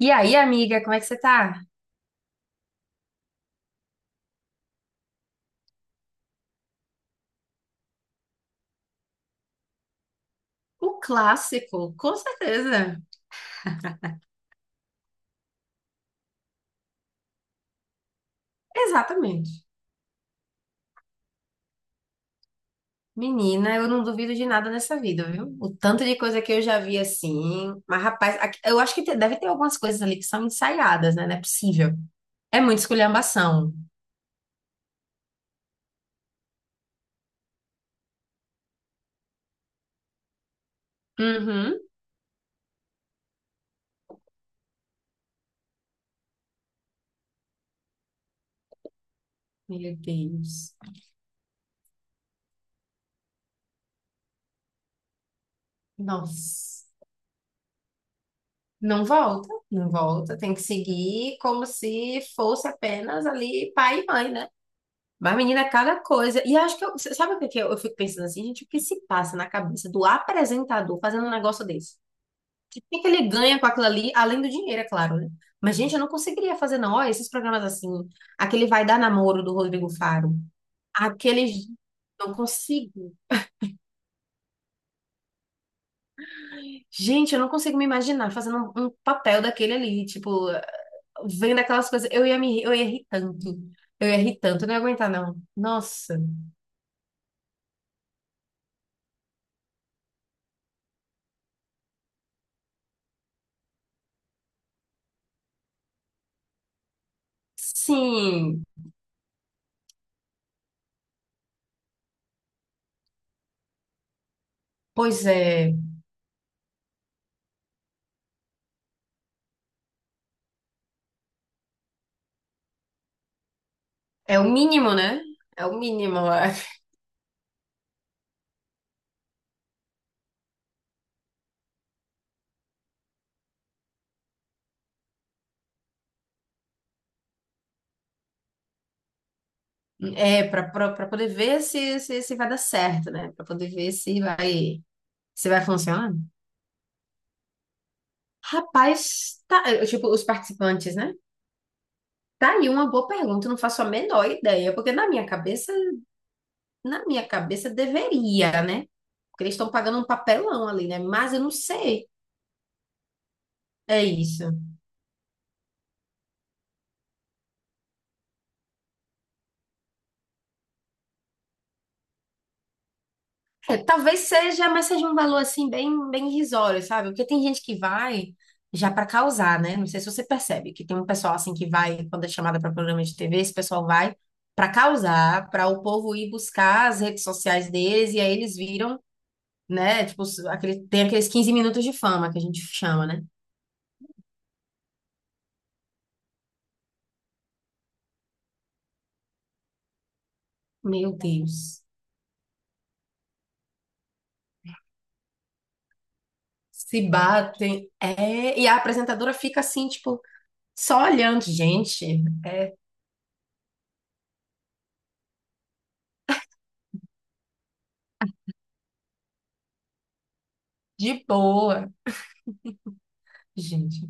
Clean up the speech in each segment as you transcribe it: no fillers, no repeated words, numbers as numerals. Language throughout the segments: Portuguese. E aí, amiga, como é que você tá? O clássico, com certeza. Exatamente. Menina, eu não duvido de nada nessa vida, viu? O tanto de coisa que eu já vi assim. Mas, rapaz, eu acho que deve ter algumas coisas ali que são ensaiadas, né? Não é possível. É muita esculhambação. Uhum. Meu Deus. Nossa. Não volta, não volta. Tem que seguir como se fosse apenas ali pai e mãe, né? Mas, menina, cada coisa. E acho que eu. Sabe o que que eu fico pensando assim, gente? O que se passa na cabeça do apresentador fazendo um negócio desse? O que que ele ganha com aquilo ali, além do dinheiro, é claro, né? Mas, gente, eu não conseguiria fazer, não. Olha, esses programas assim. Aquele Vai Dar Namoro do Rodrigo Faro. Aqueles. Não consigo. Gente, eu não consigo me imaginar fazendo um papel daquele ali. Tipo, vendo aquelas coisas. Eu ia me. Eu ia rir tanto. Eu ia rir tanto. Eu não ia aguentar, não. Nossa. Sim. Pois é. É o mínimo, né? É o mínimo. Eu acho. É para para poder ver se vai dar certo, né? Para poder ver se vai se vai funcionar. Rapaz, tá, tipo, os participantes, né? Tá aí uma boa pergunta, eu não faço a menor ideia, porque na minha cabeça deveria, né? Porque eles estão pagando um papelão ali, né? Mas eu não sei. É isso. É, talvez seja, mas seja um valor assim bem, bem irrisório, sabe? Porque tem gente que vai já para causar, né? Não sei se você percebe que tem um pessoal assim que vai quando é chamada para programa de TV, esse pessoal vai para causar, para o povo ir buscar as redes sociais deles e aí eles viram, né? Tipo, aquele, tem aqueles 15 minutos de fama que a gente chama, né? Meu Deus. Se batem. É, e a apresentadora fica assim, tipo, só olhando, gente, de boa, gente.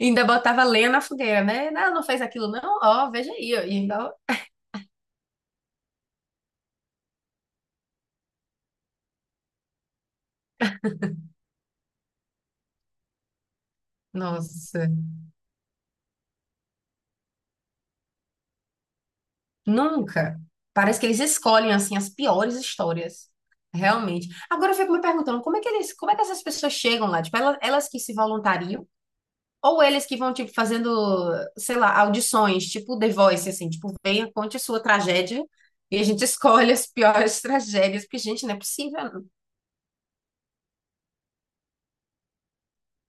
Ainda botava lenha na fogueira, né? Não, não fez aquilo, não? Ó, veja aí, ó. E ainda... ó. Nossa, nunca. Parece que eles escolhem, assim, as piores histórias. Realmente. Agora eu fico me perguntando, como é que eles, como é que essas pessoas chegam lá? Tipo, elas, que se voluntariam? Ou eles que vão, tipo, fazendo, sei lá, audições, tipo The Voice, assim, tipo, venha, conte sua tragédia e a gente escolhe as piores tragédias, porque, gente, não é possível.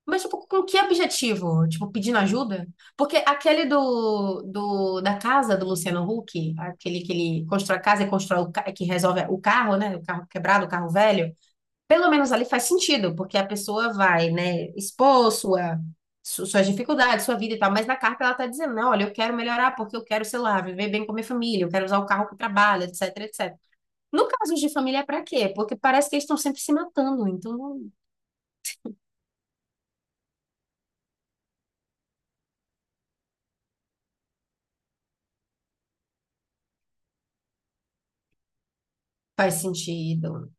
Mas, tipo, com que objetivo? Tipo, pedindo ajuda? Porque aquele do, do da casa do Luciano Huck, aquele que ele constrói a casa e constrói o, que resolve o carro, né? O carro quebrado, o carro velho. Pelo menos ali faz sentido, porque a pessoa vai, né, expor sua, suas dificuldades, sua vida e tal. Mas na carta ela tá dizendo, não, olha, eu quero melhorar porque eu quero, sei lá, viver bem com a minha família, eu quero usar o carro que trabalho, etc, etc. No caso de família, é pra quê? Porque parece que eles estão sempre se matando, então não faz sentido.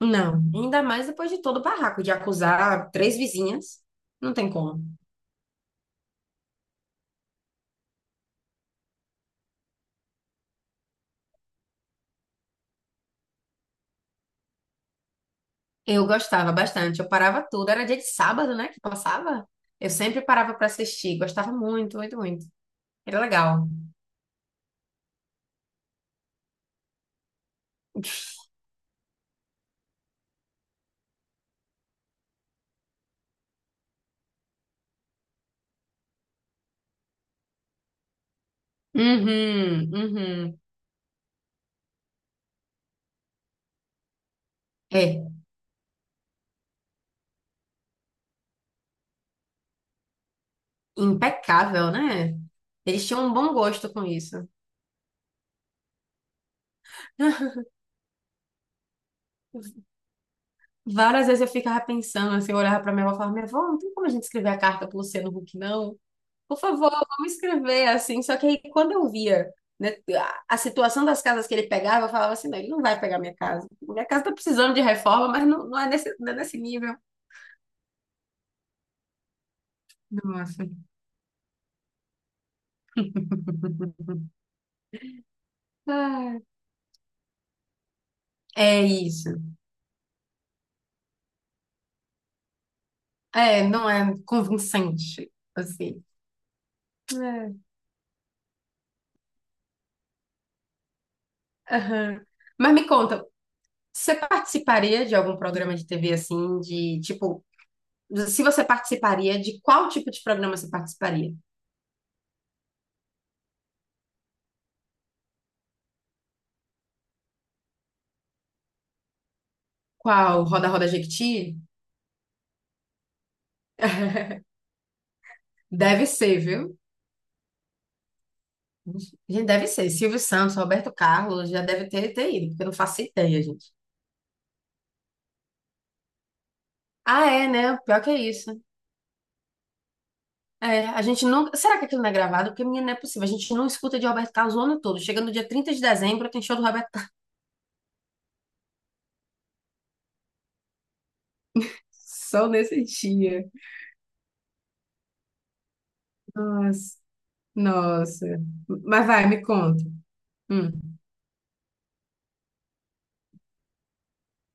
Não, ainda mais depois de todo o barraco de acusar três vizinhas. Não tem como. Eu gostava bastante, eu parava tudo. Era dia de sábado, né, que passava. Eu sempre parava pra assistir, gostava muito, muito, muito. Era legal. Uhum, uhum. É, impecável, né? Eles tinham um bom gosto com isso. Várias vezes eu ficava pensando, assim, eu olhava pra minha avó e falava, minha avó, não tem como a gente escrever a carta pro Luciano Huck, não? Por favor, vamos escrever assim. Só que aí, quando eu via, né, a situação das casas que ele pegava, eu falava assim: não, ele não vai pegar minha casa. Minha casa está precisando de reforma, mas não, não é nesse, não é nesse nível. Nossa. Ah, É isso. É, não é convincente, assim. É. Aham. Mas me conta, você participaria de algum programa de TV assim, de tipo, se você participaria, de qual tipo de programa você participaria? Qual? Roda Roda Jequiti? Deve ser, viu? Gente, deve ser. Silvio Santos, Roberto Carlos, já deve ter, ter ido, porque eu não faço ideia, gente. Ah, é, né? Pior que é isso. É, a gente não. Será que aquilo não é gravado? Porque, menina, não é possível. A gente não escuta de Roberto Carlos o ano todo. Chega no dia 30 de dezembro, tem show do Roberto Carlos. Só nesse dia. Nossa, nossa. Mas vai, me conta. Hum.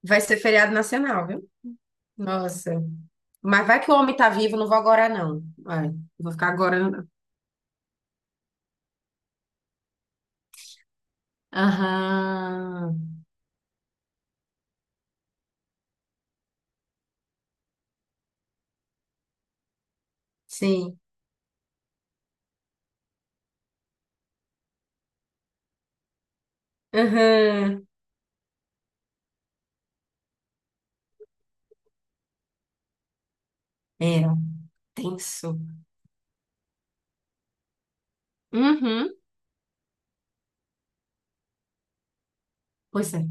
Vai ser feriado nacional, viu? Nossa. Mas vai que o homem tá vivo, não vou agora, não. Vai, não vou ficar agora, não. Aham. Sim. Aham. Era um tenso. Uhum. Pois é.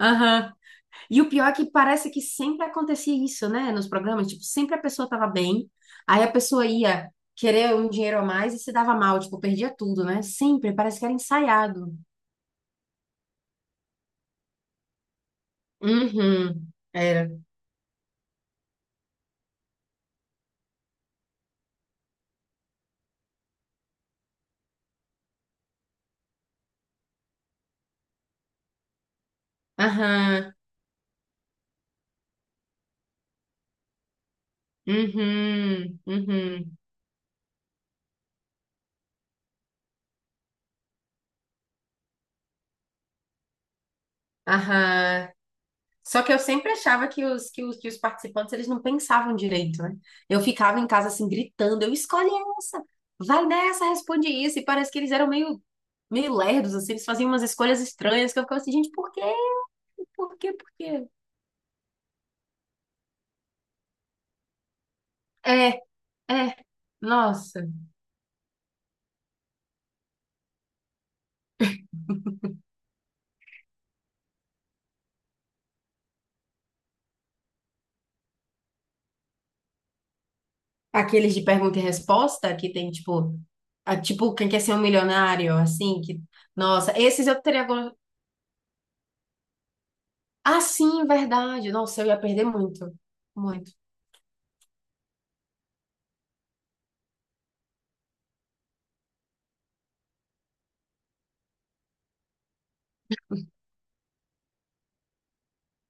Aham. E o pior é que parece que sempre acontecia isso, né? Nos programas, tipo, sempre a pessoa tava bem, aí a pessoa ia querer um dinheiro a mais e se dava mal, tipo, perdia tudo, né? Sempre, parece que era ensaiado. Uhum. Era. Aham. Uhum. Uhum. Aham. Só que eu sempre achava que os participantes eles não pensavam direito, né? Eu ficava em casa assim, gritando, eu escolhi essa, vai nessa, responde isso. E parece que eles eram meio, meio lerdos, assim, eles faziam umas escolhas estranhas, que eu ficava assim, gente, por quê? Por quê? Por quê? É, é, nossa. Aqueles de pergunta e resposta, que tem, tipo, tipo, quem quer ser um milionário, assim, que, nossa, esses eu teria... Ah, sim, verdade. Nossa, eu ia perder muito, muito.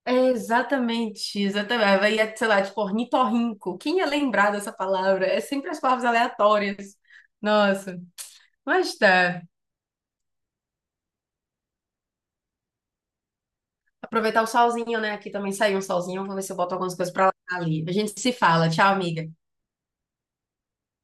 É exatamente, exatamente. Vai, ia, sei lá, tipo, ornitorrinco. Quem ia lembrar dessa palavra? É sempre as palavras aleatórias. Nossa, mas tá. Aproveitar o solzinho, né? Aqui também saiu um solzinho. Vou ver se eu boto algumas coisas pra lá ali. A gente se fala. Tchau, amiga.